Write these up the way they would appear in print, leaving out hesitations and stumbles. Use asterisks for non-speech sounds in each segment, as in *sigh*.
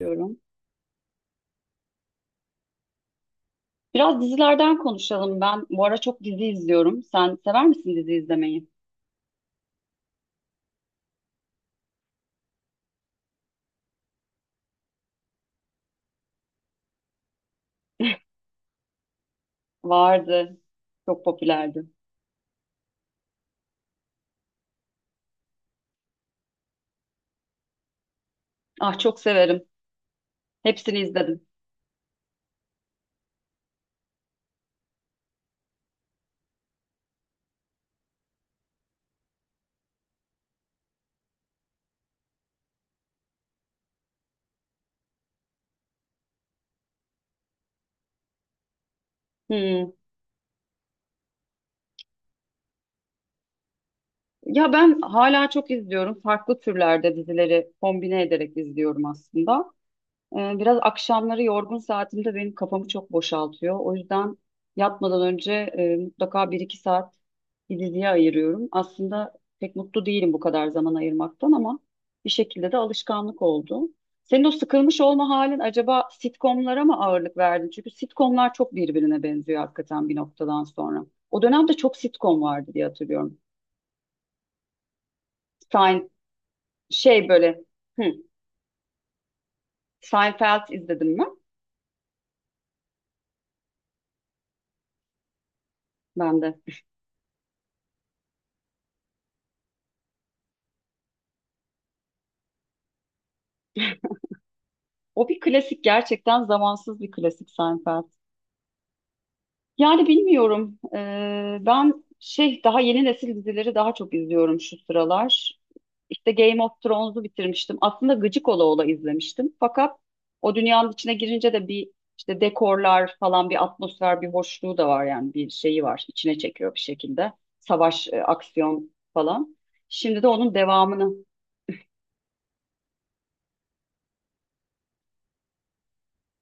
Diyorum. Biraz dizilerden konuşalım. Ben bu ara çok dizi izliyorum. Sen sever misin dizi izlemeyi? Vardı. Çok popülerdi. Ah çok severim. Hepsini izledim. Hmm. Ya ben hala çok izliyorum. Farklı türlerde dizileri kombine ederek izliyorum aslında. Biraz akşamları yorgun saatimde benim kafamı çok boşaltıyor. O yüzden yatmadan önce mutlaka bir iki saat bir diziye ayırıyorum. Aslında pek mutlu değilim bu kadar zaman ayırmaktan ama bir şekilde de alışkanlık oldu. Senin o sıkılmış olma halin acaba sitcomlara mı ağırlık verdin? Çünkü sitcomlar çok birbirine benziyor hakikaten bir noktadan sonra. O dönemde çok sitcom vardı diye hatırlıyorum. Sein, şey böyle, hı, Seinfeld izledim mi? Ben de. O bir klasik, gerçekten zamansız bir klasik Seinfeld. Yani bilmiyorum. Ben daha yeni nesil dizileri daha çok izliyorum şu sıralar. İşte Game of Thrones'u bitirmiştim. Aslında gıcık ola ola izlemiştim. Fakat o dünyanın içine girince de bir işte dekorlar falan, bir atmosfer, bir hoşluğu da var yani, bir şeyi var. İçine çekiyor bir şekilde. Savaş, aksiyon falan. Şimdi de onun devamını.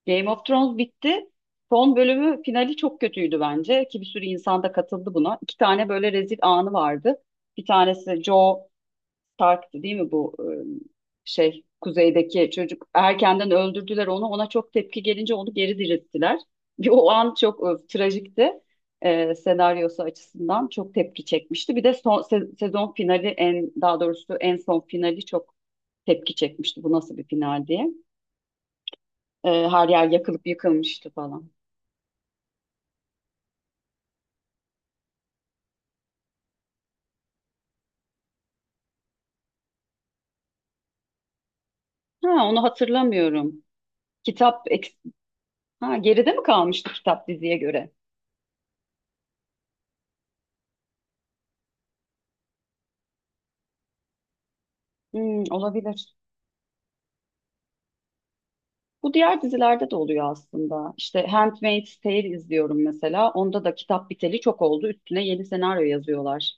Game of Thrones bitti. Son bölümü, finali çok kötüydü bence, ki bir sürü insan da katıldı buna. İki tane böyle rezil anı vardı. Bir tanesi Joe Stark'tı değil mi, bu kuzeydeki çocuk, erkenden öldürdüler onu. Ona çok tepki gelince onu geri dirilttiler. *laughs* Bir o an çok trajikti. Senaryosu açısından çok tepki çekmişti. Bir de son sezon finali, daha doğrusu en son finali çok tepki çekmişti. Bu nasıl bir final diye. Her yer yakılıp yıkılmıştı falan. Ha, onu hatırlamıyorum. Kitap eks- ha, geride mi kalmıştı kitap diziye göre? Hmm, olabilir. Bu diğer dizilerde de oluyor aslında. İşte Handmaid's Tale izliyorum mesela. Onda da kitap biteli çok oldu. Üstüne yeni senaryo yazıyorlar.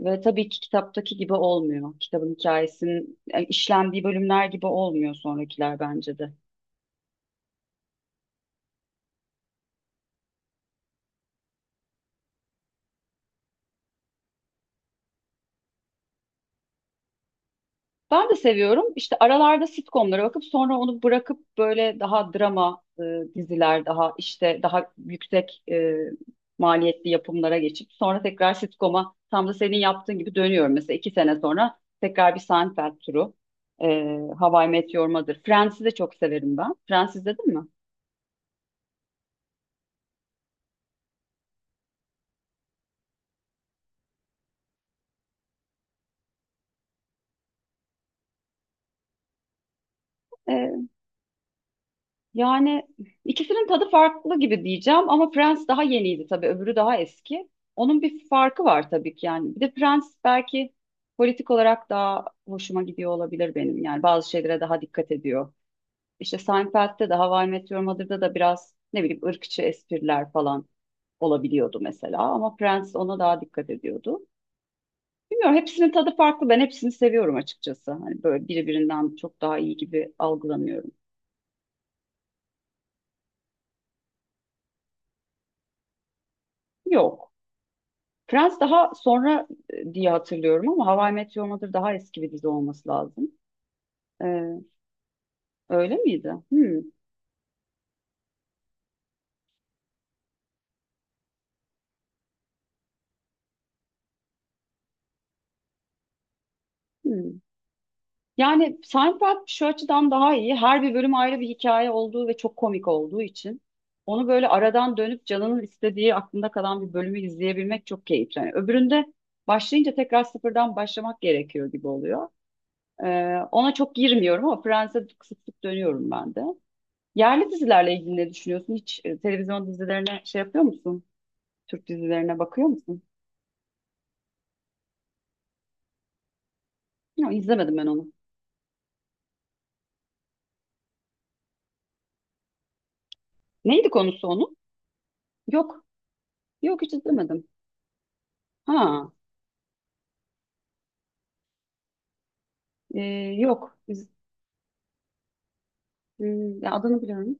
Ve tabii ki kitaptaki gibi olmuyor. Kitabın hikayesinin işlendiği bölümler gibi olmuyor sonrakiler bence de. Ben de seviyorum. İşte aralarda sitcomlara bakıp sonra onu bırakıp böyle daha drama diziler, daha işte daha yüksek maliyetli yapımlara geçip sonra tekrar sitcom'a tam da senin yaptığın gibi dönüyorum. Mesela iki sene sonra tekrar bir Seinfeld turu, e, How I Met Your Mother. Friends'i de çok severim ben. Friends izledin mi? Yani ikisinin tadı farklı gibi diyeceğim ama Prens daha yeniydi tabii, öbürü daha eski. Onun bir farkı var tabii ki yani. Bir de Prens belki politik olarak daha hoşuma gidiyor olabilir benim. Yani bazı şeylere daha dikkat ediyor. İşte Seinfeld'de de How I Met Your Mother'da da biraz ne bileyim ırkçı espriler falan olabiliyordu mesela. Ama Prens ona daha dikkat ediyordu. Bilmiyorum, hepsinin tadı farklı. Ben hepsini seviyorum açıkçası. Hani böyle biri birinden çok daha iyi gibi algılamıyorum. Yok. Friends daha sonra diye hatırlıyorum ama How I Met Your Mother daha eski bir dizi olması lazım. Ee, Öyle miydi? Hmm, hmm. Yani Seinfeld şu açıdan daha iyi. Her bir bölüm ayrı bir hikaye olduğu ve çok komik olduğu için onu böyle aradan dönüp canının istediği, aklında kalan bir bölümü izleyebilmek çok keyifli. Yani öbüründe başlayınca tekrar sıfırdan başlamak gerekiyor gibi oluyor. Ona çok girmiyorum ama Friends'e sık sık dönüyorum ben de. Yerli dizilerle ilgili ne düşünüyorsun? Hiç televizyon dizilerine şey yapıyor musun? Türk dizilerine bakıyor musun? Ya izlemedim ben onu. Neydi konusu onun? Yok. Yok, hiç izlemedim. Ha. e, Yok. Hmm, ya adını biliyorum.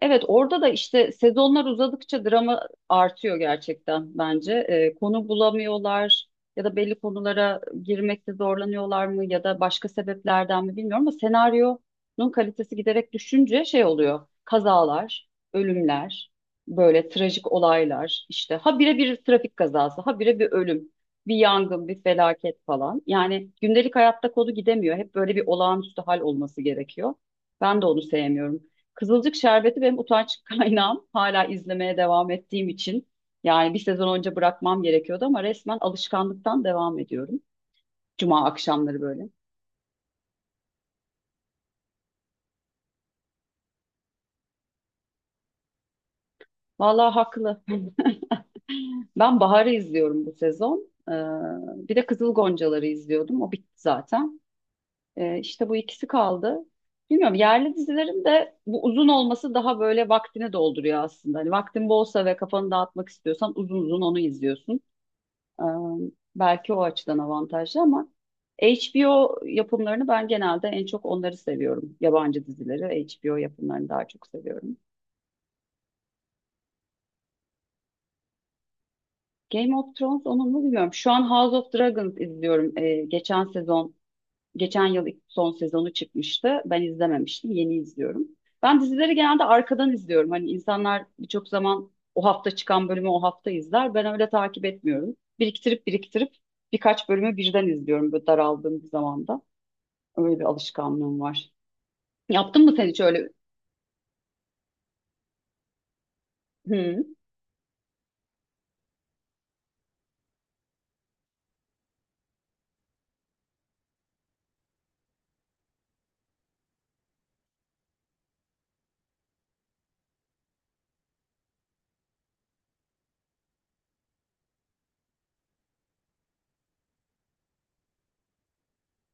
Evet, orada da işte sezonlar uzadıkça drama artıyor gerçekten bence. Konu bulamıyorlar ya da belli konulara girmekte zorlanıyorlar mı ya da başka sebeplerden mi bilmiyorum ama senaryonun kalitesi giderek düşünce şey oluyor. Kazalar, ölümler, böyle trajik olaylar, işte ha bire bir trafik kazası, ha bire bir ölüm, bir yangın, bir felaket falan. Yani gündelik hayatta konu gidemiyor. Hep böyle bir olağanüstü hal olması gerekiyor. Ben de onu sevmiyorum. Kızılcık Şerbeti benim utanç kaynağım, hala izlemeye devam ettiğim için. Yani bir sezon önce bırakmam gerekiyordu ama resmen alışkanlıktan devam ediyorum. Cuma akşamları böyle. Vallahi haklı. *laughs* Ben Bahar'ı izliyorum bu sezon. Bir de Kızıl Goncaları izliyordum. O bitti zaten. İşte bu ikisi kaldı. Bilmiyorum, yerli dizilerin de bu uzun olması daha böyle vaktini dolduruyor aslında. Hani vaktin bolsa ve kafanı dağıtmak istiyorsan uzun uzun onu izliyorsun. Ee, Belki o açıdan avantajlı ama HBO yapımlarını ben genelde, en çok onları seviyorum. Yabancı dizileri, HBO yapımlarını daha çok seviyorum. Game of Thrones onun mu bilmiyorum. Şu an House of Dragons izliyorum. Geçen sezon, geçen yıl ilk son sezonu çıkmıştı. Ben izlememiştim, yeni izliyorum. Ben dizileri genelde arkadan izliyorum. Hani insanlar birçok zaman o hafta çıkan bölümü o hafta izler. Ben öyle takip etmiyorum. Biriktirip biriktirip birkaç bölümü birden izliyorum böyle daraldığım bir zamanda. Öyle bir alışkanlığım var. Yaptın mı sen hiç öyle? Hı.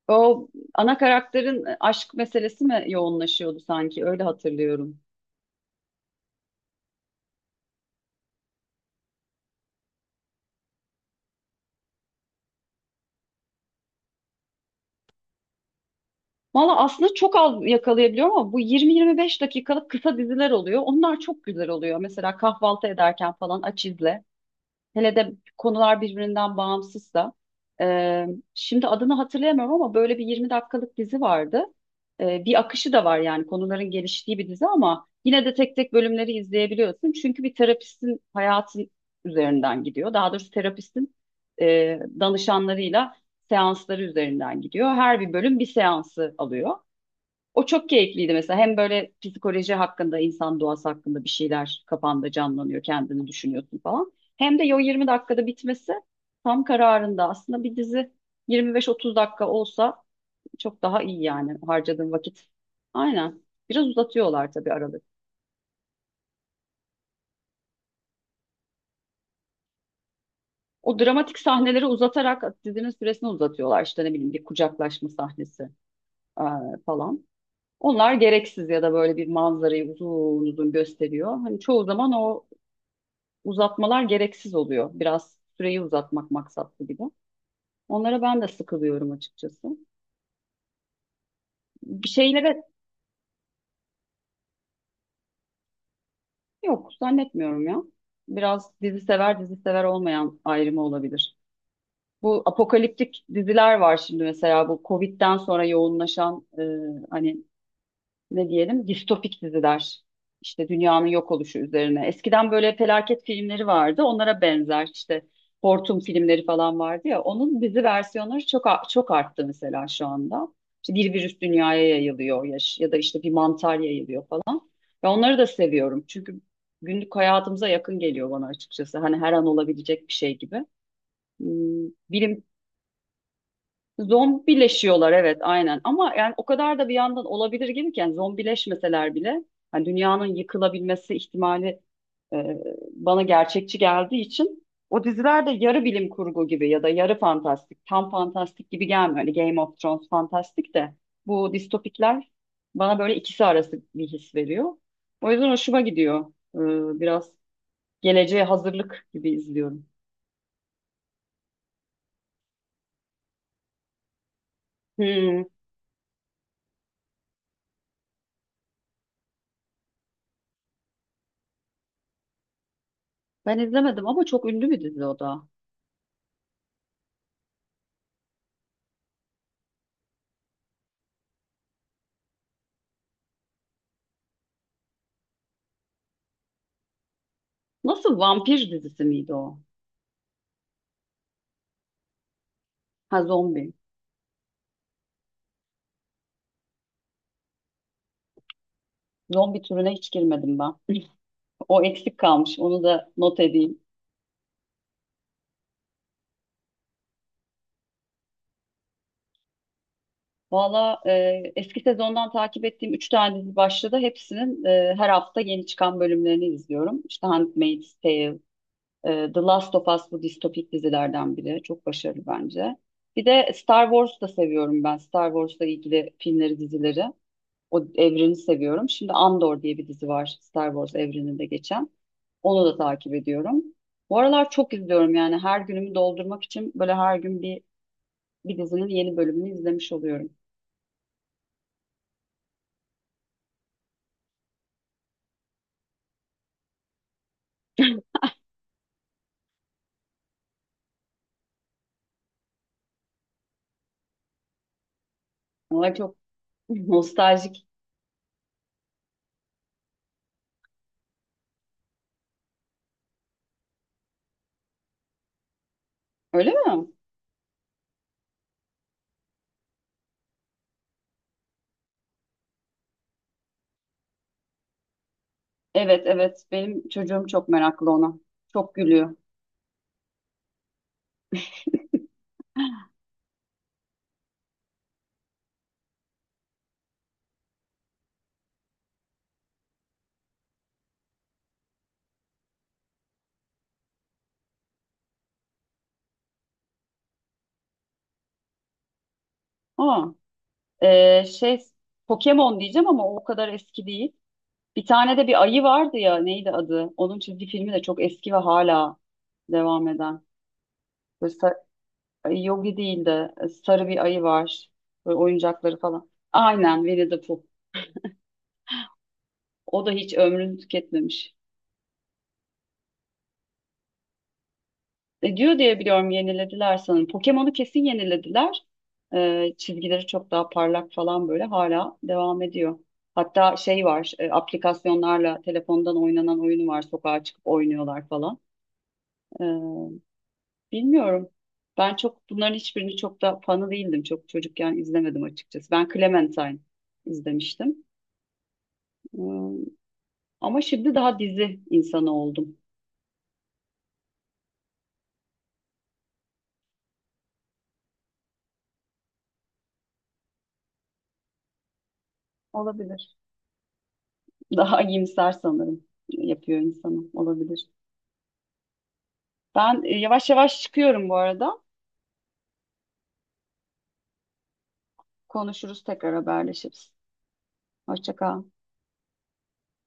O ana karakterin aşk meselesi mi yoğunlaşıyordu sanki? Öyle hatırlıyorum. Valla aslında çok az yakalayabiliyorum ama bu 20-25 dakikalık kısa diziler oluyor. Onlar çok güzel oluyor. Mesela kahvaltı ederken falan aç izle. Hele de konular birbirinden bağımsızsa. Ee, Şimdi adını hatırlayamıyorum ama böyle bir 20 dakikalık dizi vardı. Bir akışı da var yani, konuların geliştiği bir dizi ama yine de tek tek bölümleri izleyebiliyorsun. Çünkü bir terapistin hayatı üzerinden gidiyor. Daha doğrusu terapistin danışanlarıyla seansları üzerinden gidiyor. Her bir bölüm bir seansı alıyor. O çok keyifliydi mesela. Hem böyle psikoloji hakkında, insan doğası hakkında bir şeyler kafanda canlanıyor, kendini düşünüyorsun falan. Hem de o 20 dakikada bitmesi tam kararında. Aslında bir dizi 25-30 dakika olsa çok daha iyi yani, harcadığın vakit. Aynen. Biraz uzatıyorlar tabii aralık. O dramatik sahneleri uzatarak dizinin süresini uzatıyorlar. İşte ne bileyim bir kucaklaşma sahnesi eee, falan. Onlar gereksiz ya da böyle bir manzarayı uzun uzun gösteriyor. Hani çoğu zaman o uzatmalar gereksiz oluyor. Biraz süreyi uzatmak maksatlı gibi. Onlara ben de sıkılıyorum açıkçası. Bir şeylere. Yok, zannetmiyorum ya. Biraz dizi sever dizi sever olmayan ayrımı olabilir. Bu apokaliptik diziler var şimdi mesela, bu Covid'den sonra yoğunlaşan hani ne diyelim distopik diziler. İşte dünyanın yok oluşu üzerine. Eskiden böyle felaket filmleri vardı. Onlara benzer işte hortum filmleri falan vardı ya. Onun dizi versiyonları çok çok arttı mesela şu anda. İşte bir virüs dünyaya yayılıyor ya, ya da işte bir mantar yayılıyor falan. Ve onları da seviyorum. Çünkü günlük hayatımıza yakın geliyor bana açıkçası. Hani her an olabilecek bir şey gibi. Hmm. Bilim Zombileşiyorlar, evet aynen ama yani o kadar da bir yandan olabilir gibi ki, yani zombileşmeseler bile hani dünyanın yıkılabilmesi ihtimali e, bana gerçekçi geldiği için o diziler de yarı bilim kurgu gibi ya da yarı fantastik, tam fantastik gibi gelmiyor. Hani Game of Thrones fantastik de bu distopikler bana böyle ikisi arası bir his veriyor. O yüzden hoşuma gidiyor. Biraz geleceğe hazırlık gibi izliyorum. Hmm. Ben izlemedim ama çok ünlü bir dizi o da. Nasıl, vampir dizisi miydi o? Ha, zombi. Zombi türüne hiç girmedim ben. *laughs* O eksik kalmış. Onu da not edeyim. Valla eski sezondan takip ettiğim 3 tane dizi başladı. Hepsinin her hafta yeni çıkan bölümlerini izliyorum. İşte Handmaid's Tale, The Last of Us, bu distopik dizilerden biri. Çok başarılı bence. Bir de Star Wars da seviyorum ben. Star Wars'la ilgili filmleri, dizileri. O evreni seviyorum. Şimdi Andor diye bir dizi var Star Wars evreninde geçen. Onu da takip ediyorum. Bu aralar çok izliyorum yani, her günümü doldurmak için böyle her gün bir dizinin yeni bölümünü izlemiş oluyorum. Ama çok *laughs* nostaljik. Öyle mi? Evet, evet, benim çocuğum çok meraklı ona. Çok gülüyor. *gasps* Aa, e, şey Pokemon diyeceğim ama o kadar eski değil. Bir tane de bir ayı vardı ya, neydi adı? Onun çizgi filmi de çok eski ve hala devam eden. Ay, Yogi değil de sarı bir ayı var. Böyle oyuncakları falan. Aynen, Winnie the Pooh. O da hiç ömrünü tüketmemiş. Diyor diye biliyorum, yenilediler sanırım. Pokemon'u kesin yenilediler. Çizgileri çok daha parlak falan, böyle hala devam ediyor. Hatta şey var, aplikasyonlarla telefondan oynanan oyunu var. Sokağa çıkıp oynuyorlar falan. E, Bilmiyorum. Ben çok bunların hiçbirini, çok da fanı değildim. Çok çocukken izlemedim açıkçası. Ben Clementine izlemiştim. Ama şimdi daha dizi insanı oldum. Olabilir. Daha iyimser sanırım yapıyor insanı. Olabilir. Ben yavaş yavaş çıkıyorum bu arada. Konuşuruz tekrar, haberleşiriz. Hoşça kal.